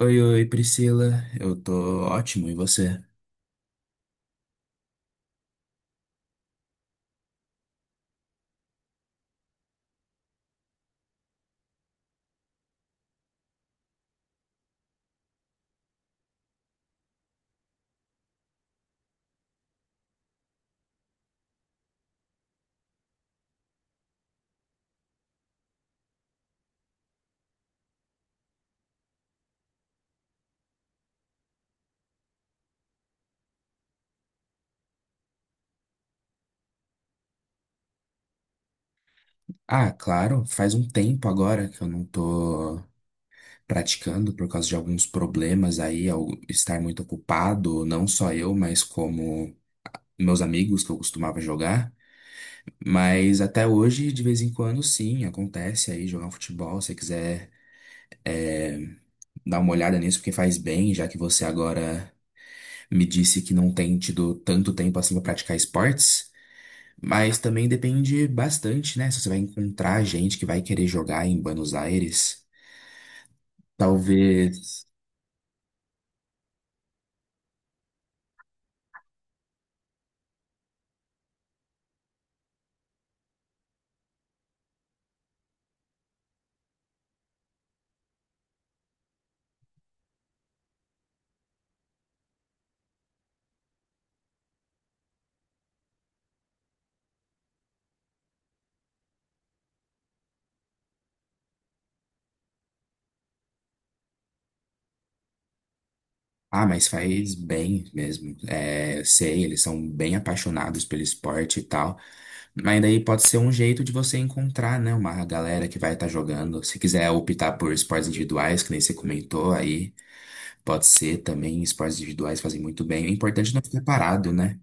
Oi, oi, Priscila. Eu tô ótimo, e você? Ah, claro, faz um tempo agora que eu não tô praticando por causa de alguns problemas aí, ao estar muito ocupado, não só eu, mas como meus amigos que eu costumava jogar. Mas até hoje, de vez em quando, sim, acontece aí jogar um futebol, se você quiser dar uma olhada nisso, porque faz bem, já que você agora me disse que não tem tido tanto tempo assim pra praticar esportes. Mas também depende bastante, né? Se você vai encontrar gente que vai querer jogar em Buenos Aires, talvez. Ah, mas faz bem mesmo. É, sei, eles são bem apaixonados pelo esporte e tal. Mas daí pode ser um jeito de você encontrar, né? Uma galera que vai estar jogando. Se quiser optar por esportes individuais, que nem você comentou aí, pode ser também. Esportes individuais fazem muito bem. O importante é não ficar parado, né?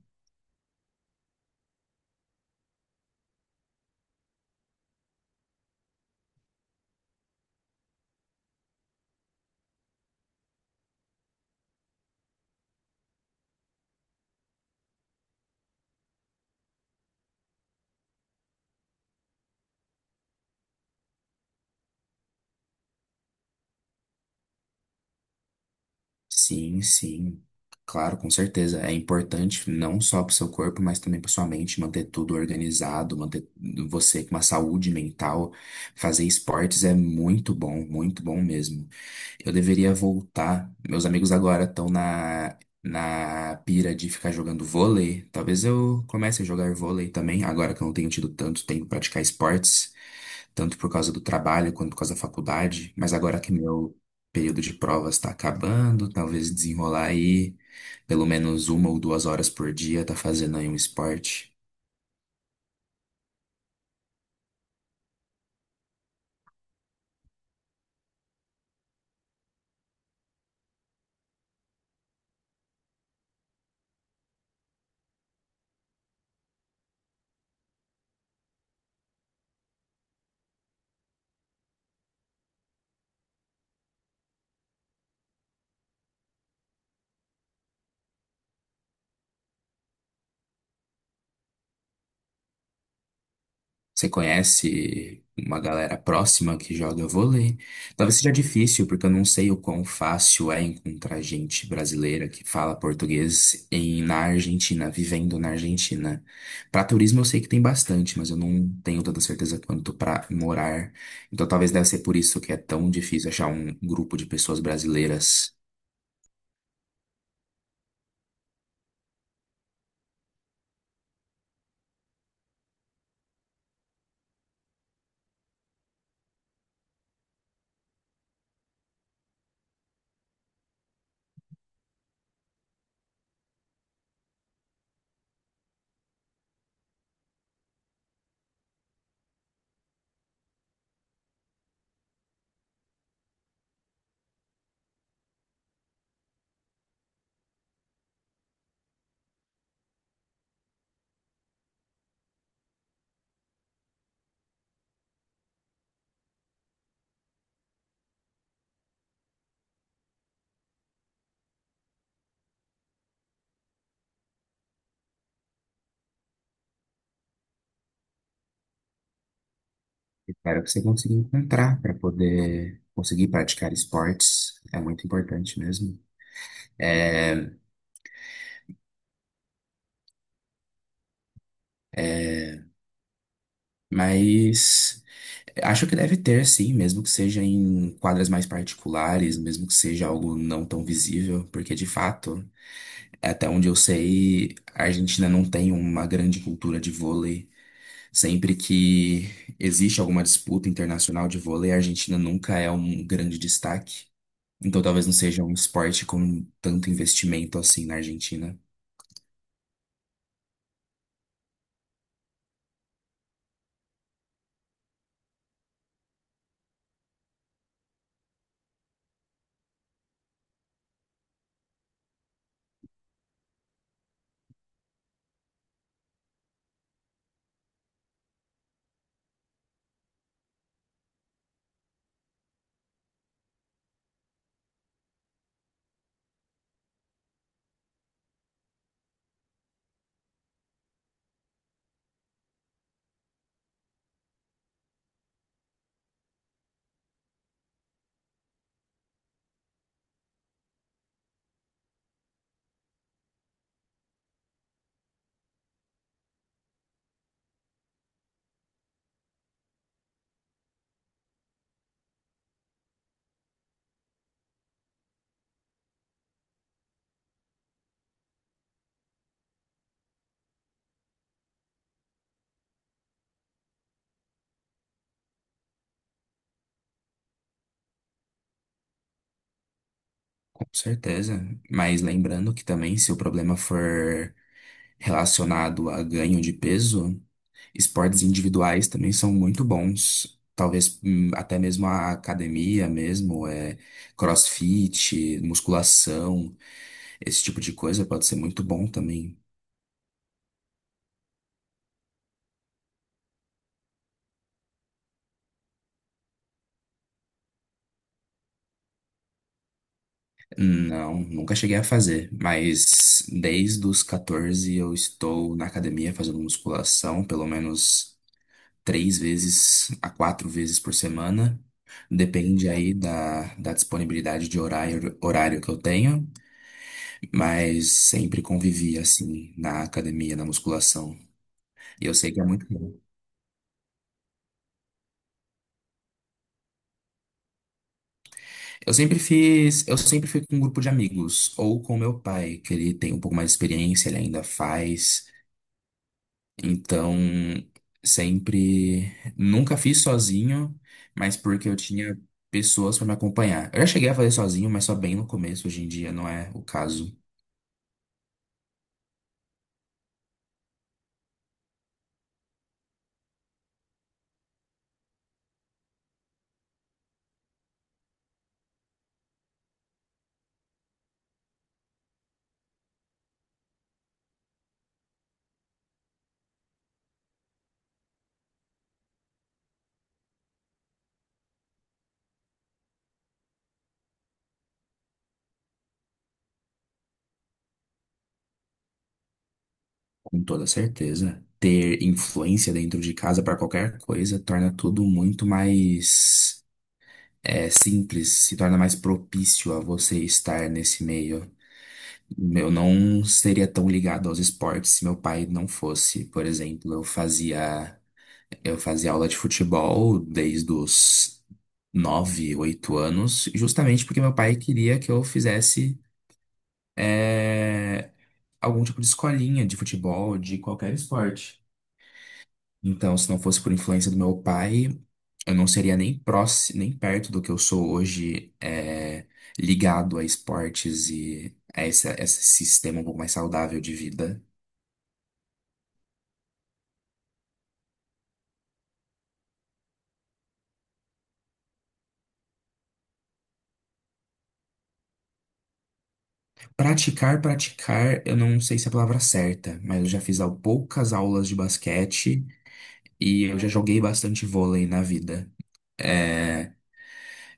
Sim, sim. Claro, com certeza. É importante não só para o seu corpo, mas também para sua mente, manter tudo organizado, manter você com uma saúde mental. Fazer esportes é muito bom mesmo. Eu deveria voltar. Meus amigos agora estão na pira de ficar jogando vôlei. Talvez eu comece a jogar vôlei também, agora que eu não tenho tido tanto tempo para praticar esportes tanto por causa do trabalho quanto por causa da faculdade, mas agora que meu período de provas está acabando, talvez desenrolar aí pelo menos 1 ou 2 horas por dia, tá fazendo aí um esporte. Você conhece uma galera próxima que joga vôlei? Talvez seja difícil, porque eu não sei o quão fácil é encontrar gente brasileira que fala português na Argentina, vivendo na Argentina. Para turismo eu sei que tem bastante, mas eu não tenho tanta certeza quanto para morar. Então talvez deve ser por isso que é tão difícil achar um grupo de pessoas brasileiras. Espero que você consiga encontrar para poder conseguir praticar esportes. É muito importante mesmo. É, mas. Acho que deve ter, sim, mesmo que seja em quadras mais particulares, mesmo que seja algo não tão visível, porque de fato, até onde eu sei, a Argentina não tem uma grande cultura de vôlei. Sempre que existe alguma disputa internacional de vôlei, a Argentina nunca é um grande destaque. Então talvez não seja um esporte com tanto investimento assim na Argentina. Com certeza. Mas lembrando que também, se o problema for relacionado a ganho de peso, esportes individuais também são muito bons. Talvez até mesmo a academia mesmo, CrossFit, musculação, esse tipo de coisa pode ser muito bom também. Não, nunca cheguei a fazer, mas desde os 14 eu estou na academia fazendo musculação, pelo menos 3 vezes a 4 vezes por semana. Depende aí da disponibilidade de horário, que eu tenho. Mas sempre convivia assim na academia, na musculação. E eu sei que é muito bom. Eu sempre fiz, eu sempre fui com um grupo de amigos, ou com meu pai, que ele tem um pouco mais de experiência, ele ainda faz. Então, sempre, nunca fiz sozinho, mas porque eu tinha pessoas para me acompanhar. Eu já cheguei a fazer sozinho, mas só bem no começo, hoje em dia não é o caso, com toda certeza. Ter influência dentro de casa para qualquer coisa torna tudo muito mais simples, se torna mais propício a você estar nesse meio. Eu não seria tão ligado aos esportes se meu pai não fosse. Por exemplo, eu fazia aula de futebol desde os 9, 8 anos, justamente porque meu pai queria que eu fizesse é, algum tipo de escolinha de futebol, de qualquer esporte. Então, se não fosse por influência do meu pai, eu não seria nem próximo, nem perto do que eu sou hoje, ligado a esportes e a esse sistema um pouco mais saudável de vida. Praticar, praticar, eu não sei se é a palavra certa, mas eu já fiz poucas aulas de basquete e eu já joguei bastante vôlei na vida. É,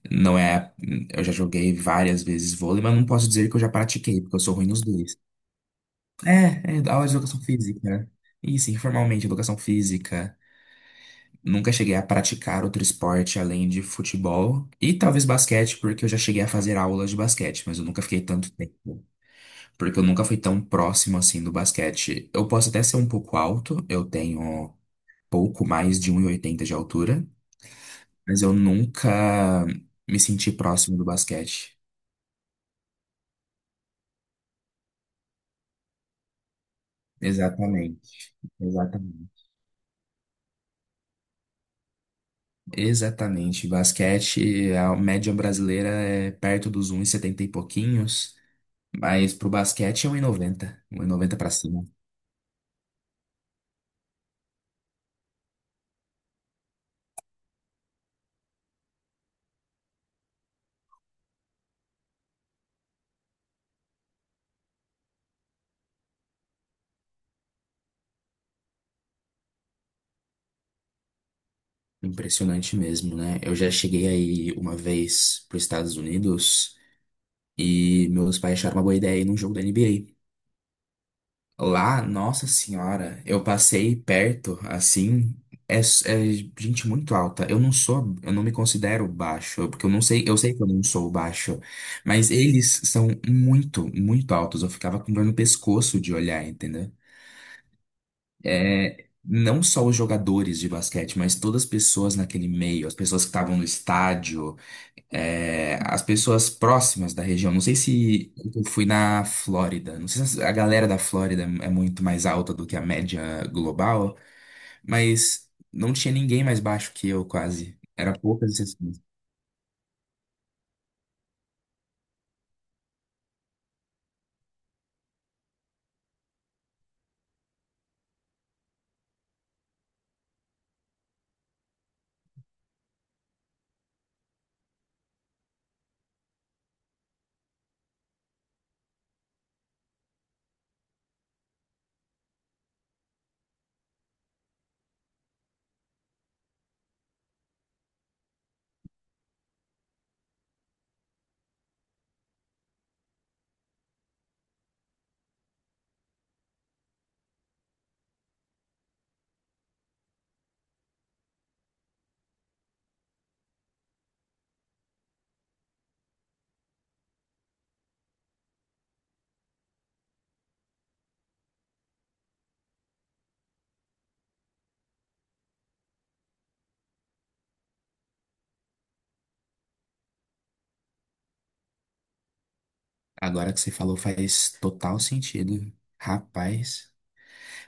não é, eu já joguei várias vezes vôlei, mas não posso dizer que eu já pratiquei, porque eu sou ruim nos dois. É aula de educação física. Isso, informalmente, educação física. Nunca cheguei a praticar outro esporte além de futebol e talvez basquete, porque eu já cheguei a fazer aulas de basquete, mas eu nunca fiquei tanto tempo, porque eu nunca fui tão próximo assim do basquete. Eu posso até ser um pouco alto, eu tenho pouco mais de 1,80 de altura, mas eu nunca me senti próximo do basquete. Exatamente, exatamente. Exatamente. Basquete, a média brasileira é perto dos 1,70 e setenta e pouquinhos, mas pro basquete é 1,90, 1,90 para cima. Impressionante mesmo, né? Eu já cheguei aí uma vez para Estados Unidos e meus pais acharam uma boa ideia ir num jogo da NBA. Lá, nossa senhora, eu passei perto, assim, é, s- é gente muito alta. Eu não sou, eu não me considero baixo, porque eu não sei, eu sei que eu não sou baixo, mas eles são muito, muito altos. Eu ficava com dor no pescoço de olhar, entendeu? É, não só os jogadores de basquete, mas todas as pessoas naquele meio, as pessoas que estavam no estádio as pessoas próximas da região. Não sei se eu fui na Flórida. Não sei se a galera da Flórida é muito mais alta do que a média global, mas não tinha ninguém mais baixo que eu, quase. Era poucas exceções. Agora que você falou faz total sentido. Rapaz.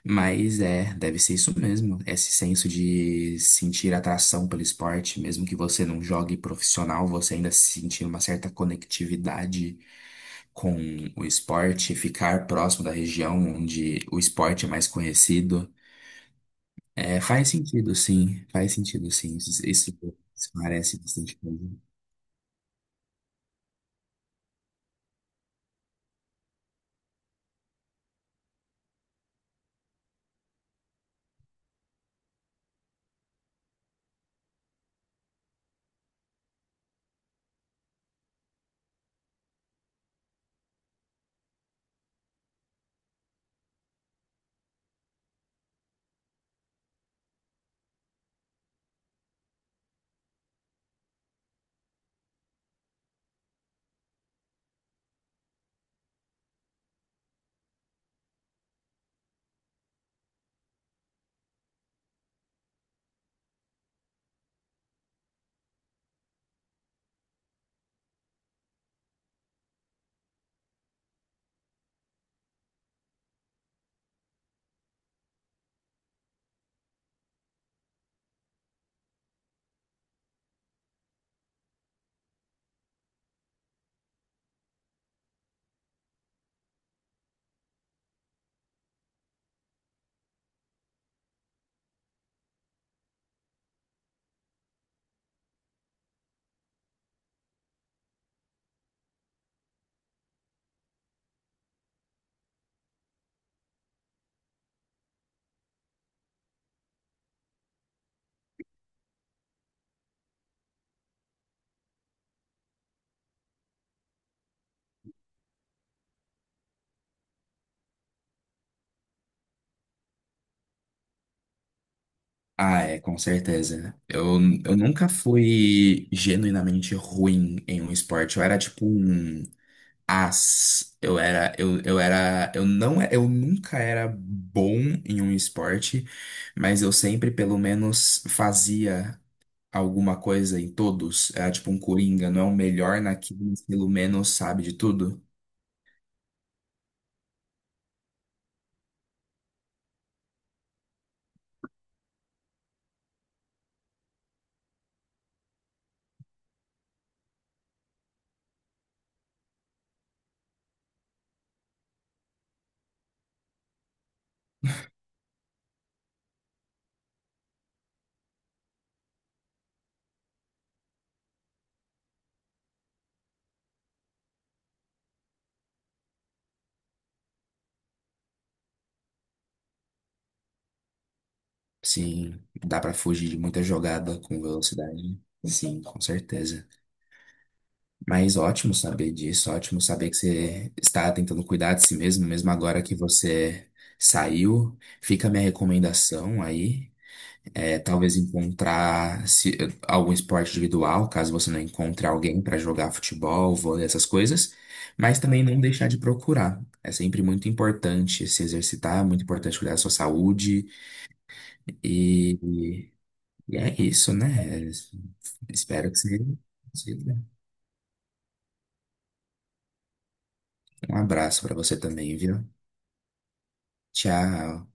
Mas deve ser isso mesmo. Esse senso de sentir atração pelo esporte, mesmo que você não jogue profissional, você ainda sentir uma certa conectividade com o esporte, ficar próximo da região onde o esporte é mais conhecido. É, faz sentido, sim, faz sentido, sim. Isso parece bastante coisa. Ah, é, com certeza. Eu nunca fui genuinamente ruim em um esporte. Eu era tipo um as. Eu era, eu era, eu não, eu nunca era bom em um esporte, mas eu sempre pelo menos fazia alguma coisa em todos. É tipo um coringa, não é o melhor naquilo, mas pelo menos sabe de tudo. Sim, dá pra fugir de muita jogada com velocidade. Sim, com certeza. Mas ótimo saber disso, ótimo saber que você está tentando cuidar de si mesmo, mesmo agora que você saiu. Fica a minha recomendação aí. É, talvez encontrar algum esporte individual, caso você não encontre alguém para jogar futebol, vôlei, essas coisas, mas também não deixar de procurar. É sempre muito importante se exercitar, é muito importante cuidar da sua saúde e, e- e é isso, né? Espero que você. Um abraço para você também, viu? Tchau.